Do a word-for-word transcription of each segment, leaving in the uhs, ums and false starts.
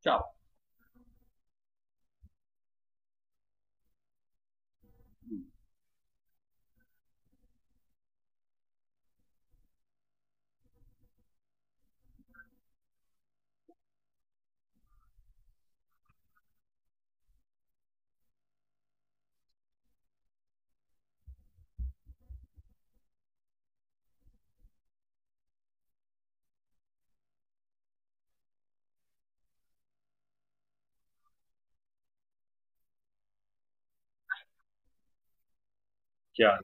Ciao. Chiaro.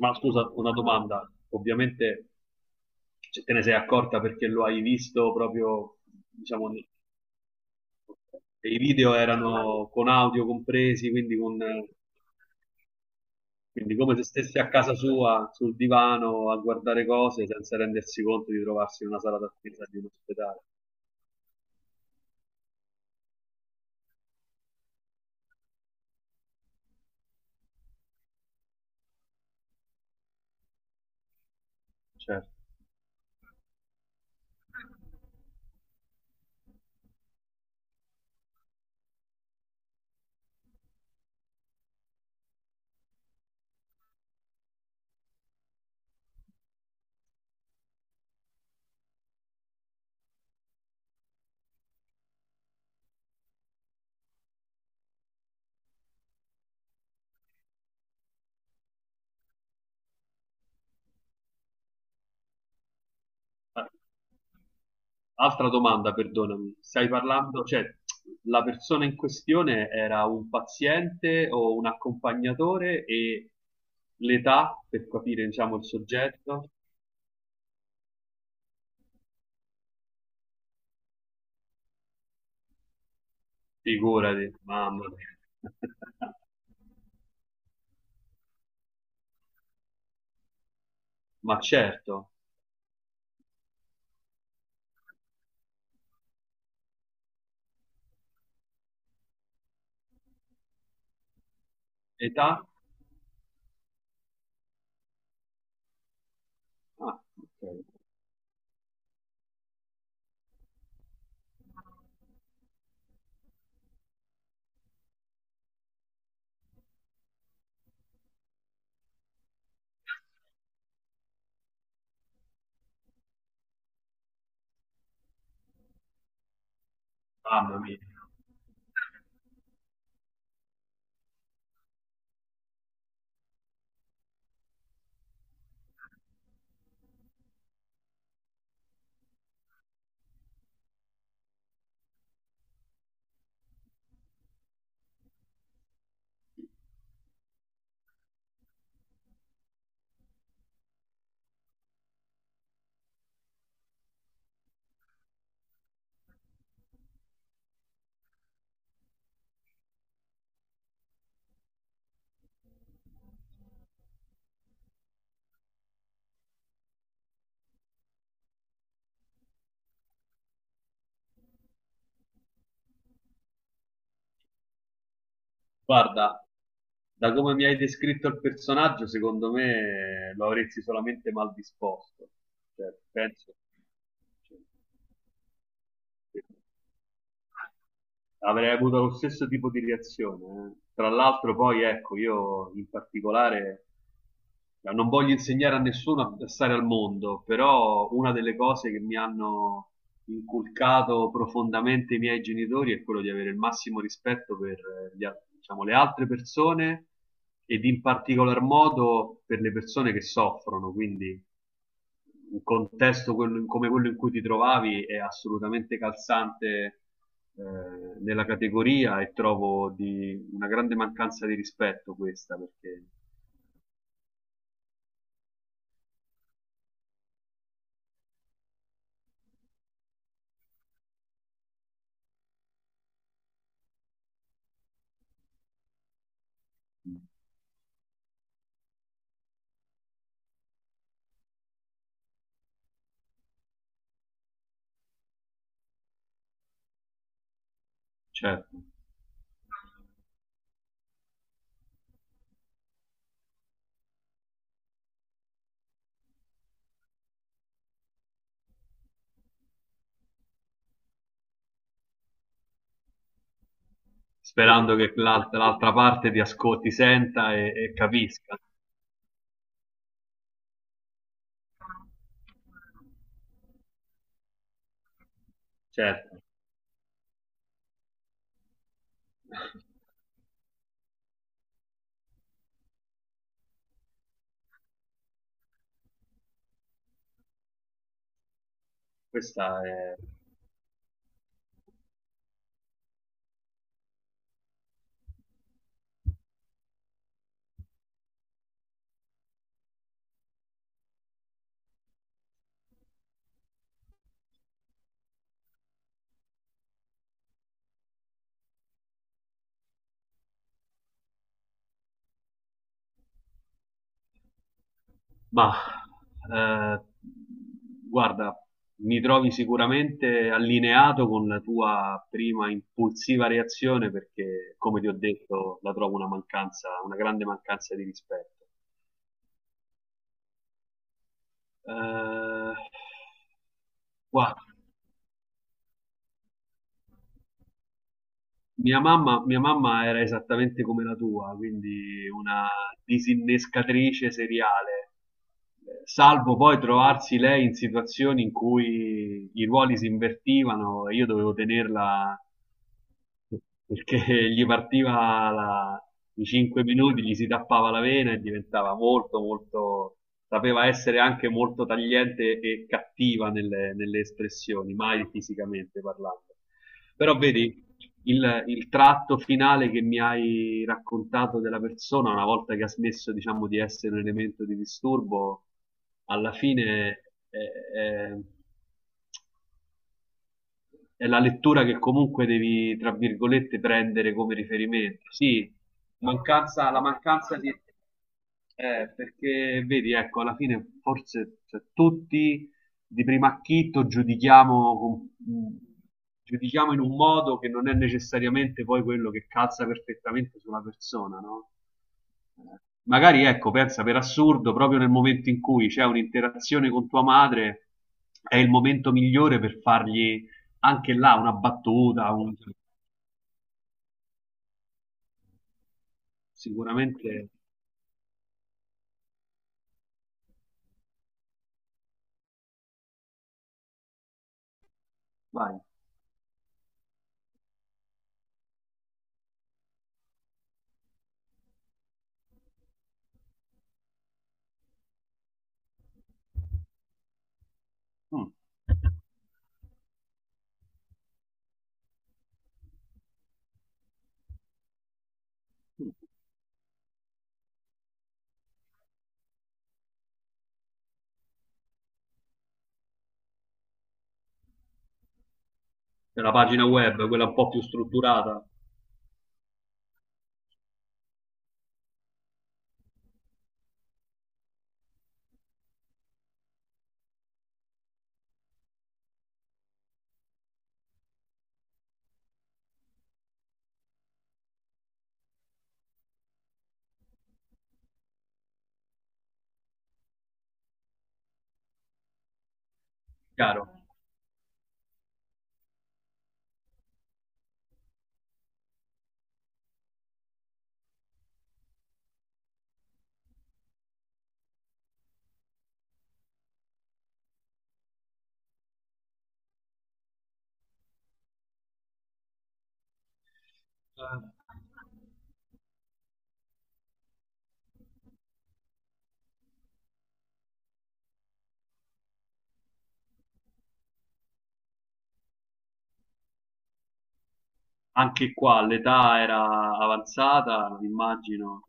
Ma scusa, una domanda. Ovviamente, cioè, te ne sei accorta perché lo hai visto proprio, diciamo, ne- e i video erano con audio compresi, quindi, con, quindi come se stessi a casa sua, sul divano, a guardare cose senza rendersi conto di trovarsi in una sala d'attesa di un ospedale. Certo. Ah, altra domanda, perdonami, stai parlando, cioè la persona in questione era un paziente o un accompagnatore e l'età per capire, diciamo, il soggetto? Figurati, mamma mia. Ma certo, età? Ah, ok. Mamma mia. Guarda, da come mi hai descritto il personaggio, secondo me lo avresti solamente mal disposto. Cioè, penso... Avrei avuto lo stesso tipo di reazione, eh. Tra l'altro, poi ecco, io in particolare eh, non voglio insegnare a nessuno a stare al mondo, però una delle cose che mi hanno inculcato profondamente i miei genitori è quello di avere il massimo rispetto per eh, gli al- diciamo, le altre persone ed in particolar modo per le persone che soffrono. Quindi contesto quello- come quello in cui ti trovavi è assolutamente calzante, eh, nella categoria, e trovo di una grande mancanza di rispetto questa, perché certo, sperando che l'alt- l'altra parte ti ascolti, senta e, e capisca. Certo. Questa è... Ma eh, guarda, mi trovi sicuramente allineato con la tua prima impulsiva reazione perché, come ti ho detto, la trovo una mancanza, una grande mancanza di rispetto. Eh, guarda, mia mamma, mia mamma era esattamente come la tua, quindi una disinnescatrice seriale, eh, salvo poi trovarsi lei in situazioni in cui i ruoli si invertivano e io dovevo tenerla perché gli partiva la- i 5 minuti, gli si tappava la vena e diventava molto, molto, sapeva essere anche molto tagliente e cattiva nelle, nelle espressioni, mai fisicamente parlando. Però vedi, il, il tratto finale che mi hai raccontato della persona, una volta che ha smesso, diciamo, di essere un elemento di disturbo, alla fine è, è- è la lettura che comunque devi, tra virgolette, prendere come riferimento. Sì, mancanza, la mancanza di... eh, perché vedi, ecco, alla fine forse, cioè, tutti di primo acchito giudichiamo, con- giudichiamo in un modo che non è necessariamente poi quello che calza perfettamente sulla persona, no? Magari ecco, pensa per assurdo, proprio nel momento in cui c'è un'interazione con tua madre, è il momento migliore per fargli anche là una battuta, un- sicuramente. Vai. Mm. Per la pagina web, quella un po' più strutturata, chiaro. Eh, Anche qua l'età era avanzata, immagino.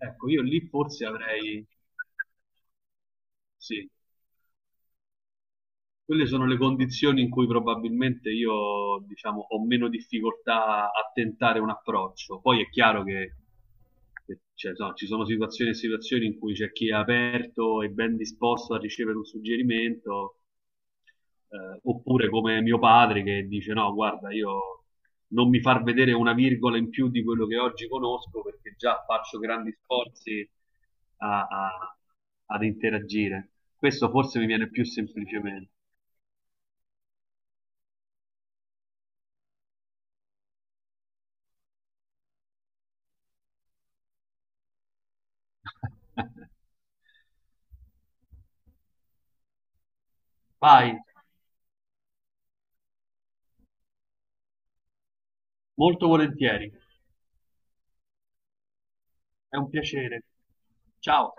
Ecco, io lì forse avrei, sì, quelle sono le condizioni in cui probabilmente io, diciamo, ho meno difficoltà a tentare un approccio. Poi è chiaro che che- cioè, no, ci sono situazioni e situazioni in cui c'è chi è aperto e ben disposto a ricevere un suggerimento, eh, oppure come mio padre che dice: no, guarda, io non mi far vedere una virgola in più di quello che oggi conosco perché già faccio grandi sforzi a- a- ad interagire. Questo forse mi viene più semplicemente. Vai, molto volentieri, è un piacere. Ciao.